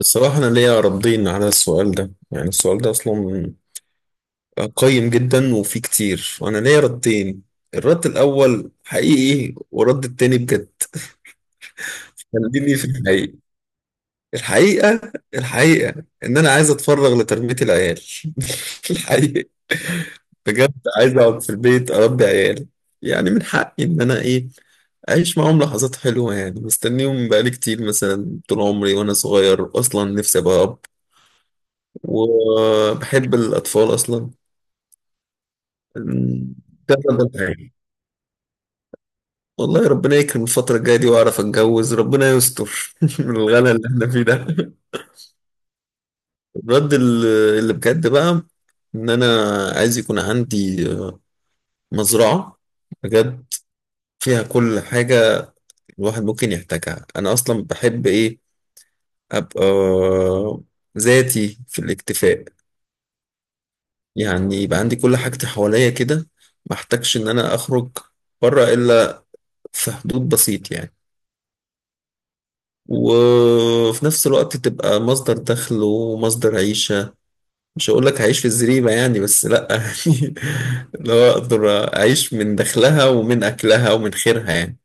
الصراحة أنا ليا ردين على السؤال ده. السؤال ده أصلا قيم جدا وفيه كتير، وأنا ليا ردين. الرد الأول حقيقي والرد التاني بجد. خليني في الحقيقي. الحقيقة إن أنا عايز أتفرغ لتربية العيال. الحقيقة بجد، عايز أقعد في البيت أربي عيال. يعني من حقي إن أنا أعيش معاهم لحظات حلوة. يعني مستنيهم بقالي كتير، مثلا طول عمري وأنا صغير أصلا نفسي أبقى أب، وبحب الأطفال أصلا كذا بالحياة. والله ربنا يكرم الفترة الجاية دي وأعرف أتجوز، ربنا يستر من الغلا اللي إحنا فيه ده. الرد ال- اللي بجد بقى، إن أنا عايز يكون عندي مزرعة بجد، فيها كل حاجة الواحد ممكن يحتاجها. أنا أصلا بحب أبقى ذاتي في الاكتفاء. يعني يبقى عندي كل حاجتي حواليا كده، ما احتاجش إن أنا أخرج بره إلا في حدود بسيط يعني. وفي نفس الوقت تبقى مصدر دخل ومصدر عيشة. مش هقول لك هعيش في الزريبة يعني، بس لأ يعني لو أقدر أعيش من دخلها ومن أكلها ومن خيرها يعني.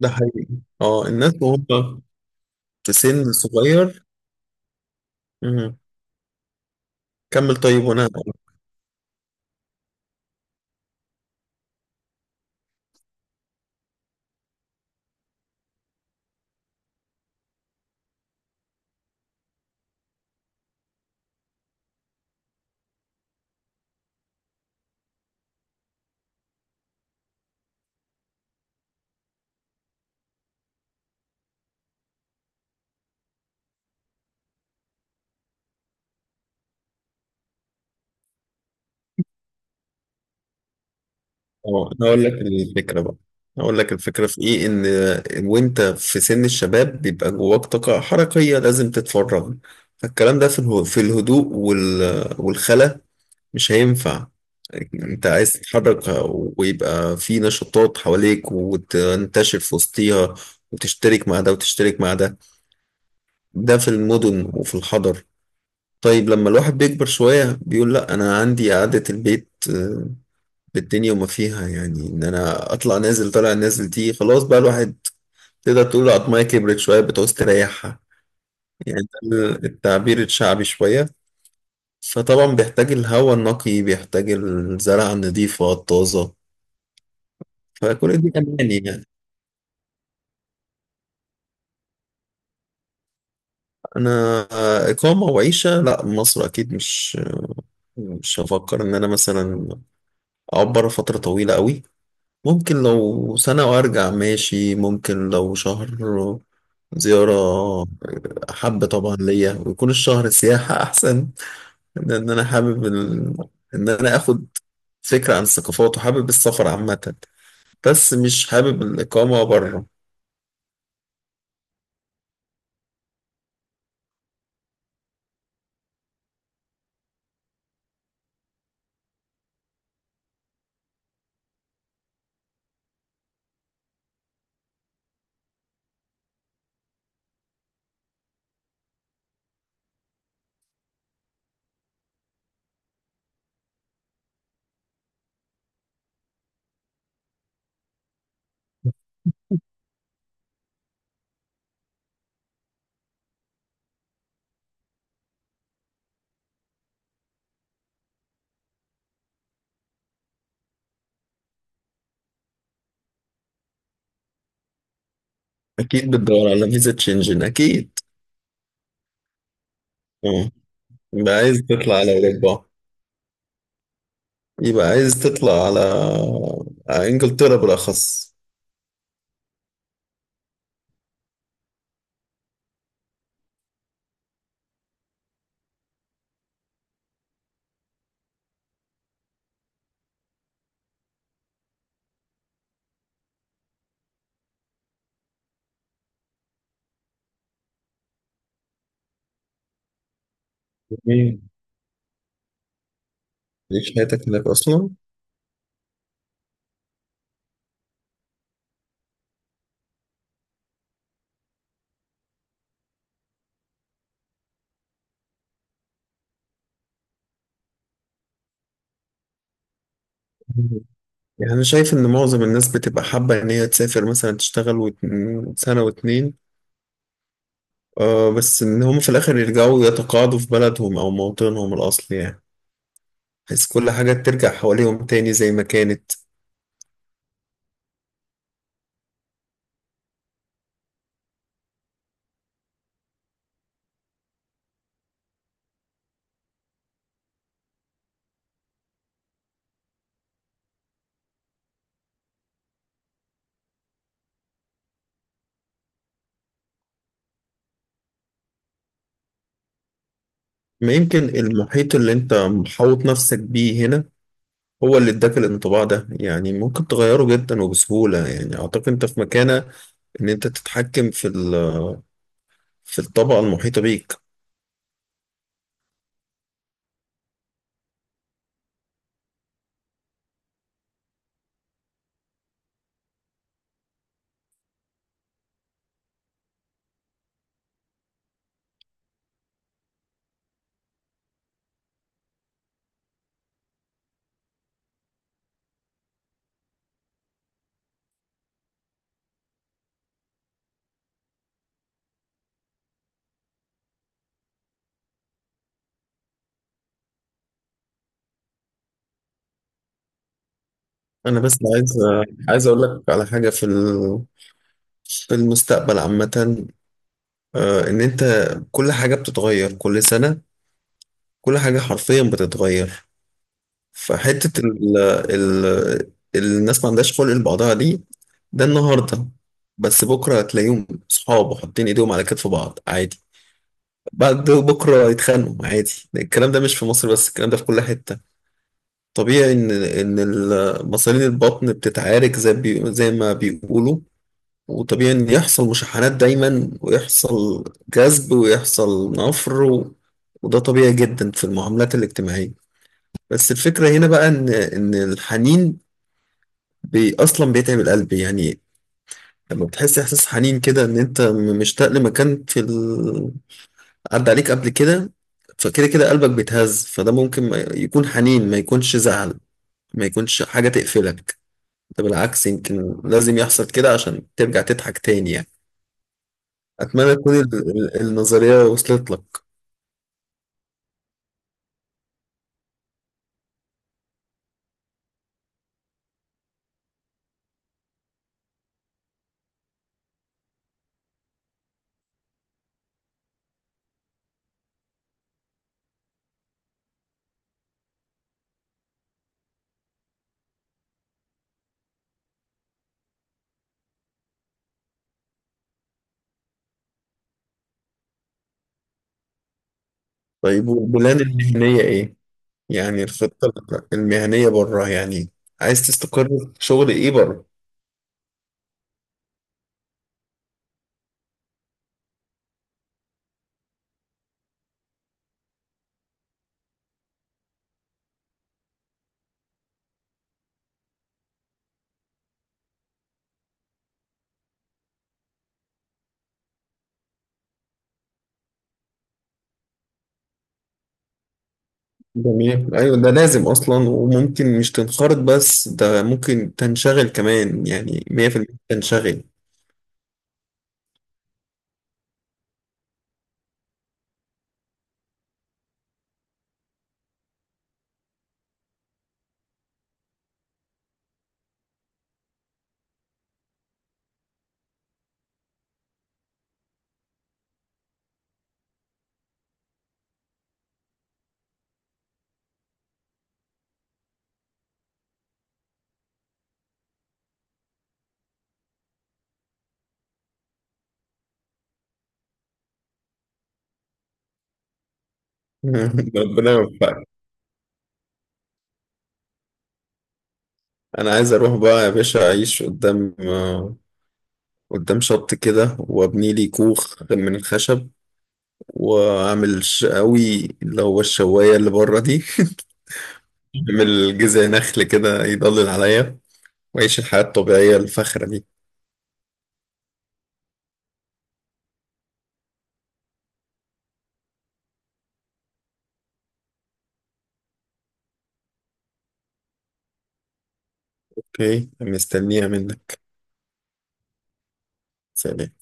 ده حقيقي، اه الناس وهم في سن صغير. مم. كمل طيب، وأنا اه أنا هقول لك الفكرة بقى. هقول لك الفكرة في إيه. إن وأنت في سن الشباب بيبقى جواك طاقة حركية لازم تتفرغ، فالكلام ده في في الهدوء والخلا مش هينفع. انت عايز تتحرك، ويبقى في نشاطات حواليك، وتنتشر في وسطيها، وتشترك مع ده وتشترك مع ده. ده في المدن وفي الحضر. طيب لما الواحد بيكبر شوية بيقول لا، أنا عندي قعدة البيت آه، بالدنيا وما فيها. يعني إن أنا أطلع نازل طالع نازل دي خلاص، بقى الواحد تقدر تقول عضماية كبرت شوية بتعوز تريحها. يعني ده التعبير الشعبي شوية. فطبعا بيحتاج الهواء النقي، بيحتاج الزرع النظيفة الطازة. فكل دي أماني يعني. أنا إقامة وعيشة لا مصر أكيد، مش هفكر إن أنا مثلا أقعد بره فترة طويلة قوي. ممكن لو سنة وأرجع ماشي، ممكن لو شهر زيارة حابة طبعا ليا، ويكون الشهر سياحة أحسن. لأن أنا حابب إن أنا آخد فكرة عن الثقافات، وحابب السفر عامة، بس مش حابب الإقامة بره. أكيد بتدور على فيزا شنجن أكيد. مم. يبقى عايز تطلع على أوروبا. يبقى عايز تطلع على على إنجلترا بالأخص. جميل، تعيش حياتك هناك أصلا. مم. يعني أنا شايف إن معظم الناس بتبقى حابة إن هي تسافر مثلا تشتغل سنة واتنين، آه، بس إن هم في الآخر يرجعوا يتقاعدوا في بلدهم أو موطنهم الأصلي، يعني بحيث كل حاجة ترجع حواليهم تاني زي ما كانت. ما يمكن المحيط اللي أنت محوط نفسك بيه هنا هو اللي اداك الانطباع ده. يعني ممكن تغيره جدا وبسهولة. يعني اعتقد انت في مكانة ان انت تتحكم في في الطبقة المحيطة بيك. انا بس عايز اقول لك على حاجة في في المستقبل عامة. ان انت كل حاجة بتتغير كل سنة، كل حاجة حرفيا بتتغير. فحتة ال ال الناس ما عندهاش خلق لبعضها دي، ده النهاردة. بس بكرة هتلاقيهم صحاب وحاطين ايديهم على كتف بعض عادي. بعد بكرة يتخانقوا عادي. الكلام ده مش في مصر بس، الكلام ده في كل حتة. طبيعي إن مصارين البطن بتتعارك زي زي ما بيقولوا. وطبيعي إن يحصل مشاحنات دايما، ويحصل جذب ويحصل وده طبيعي جدا في المعاملات الاجتماعية. بس الفكرة هنا بقى إن الحنين أصلا بيتعب القلب يعني. لما بتحس إحساس حنين كده، إن أنت مشتاق لمكان عدى عليك قبل كده، فكده كده قلبك بيتهز. فده ممكن ما يكون حنين، ما يكونش زعل، ما يكونش حاجة تقفلك. ده بالعكس يمكن لازم يحصل كده عشان ترجع تضحك تاني يعني. أتمنى تكون النظرية وصلت لك. طيب، والبلان المهنية إيه؟ يعني الخطة المهنية بره يعني، عايز تستقر في شغل إيه بره؟ جميل، أيوة ده لازم أصلا. وممكن مش تنخرط بس، ده ممكن تنشغل كمان. يعني 100% تنشغل. ربنا يوفقك. انا عايز اروح بقى يا باشا اعيش قدام، قدام شط كده، وابني لي كوخ من الخشب، واعمل شقاوي اللي هو الشوايه اللي بره دي. اعمل جذع نخل كده يضلل عليا، واعيش الحياه الطبيعيه الفخره دي. اوكي، مستنيها منك. سلام.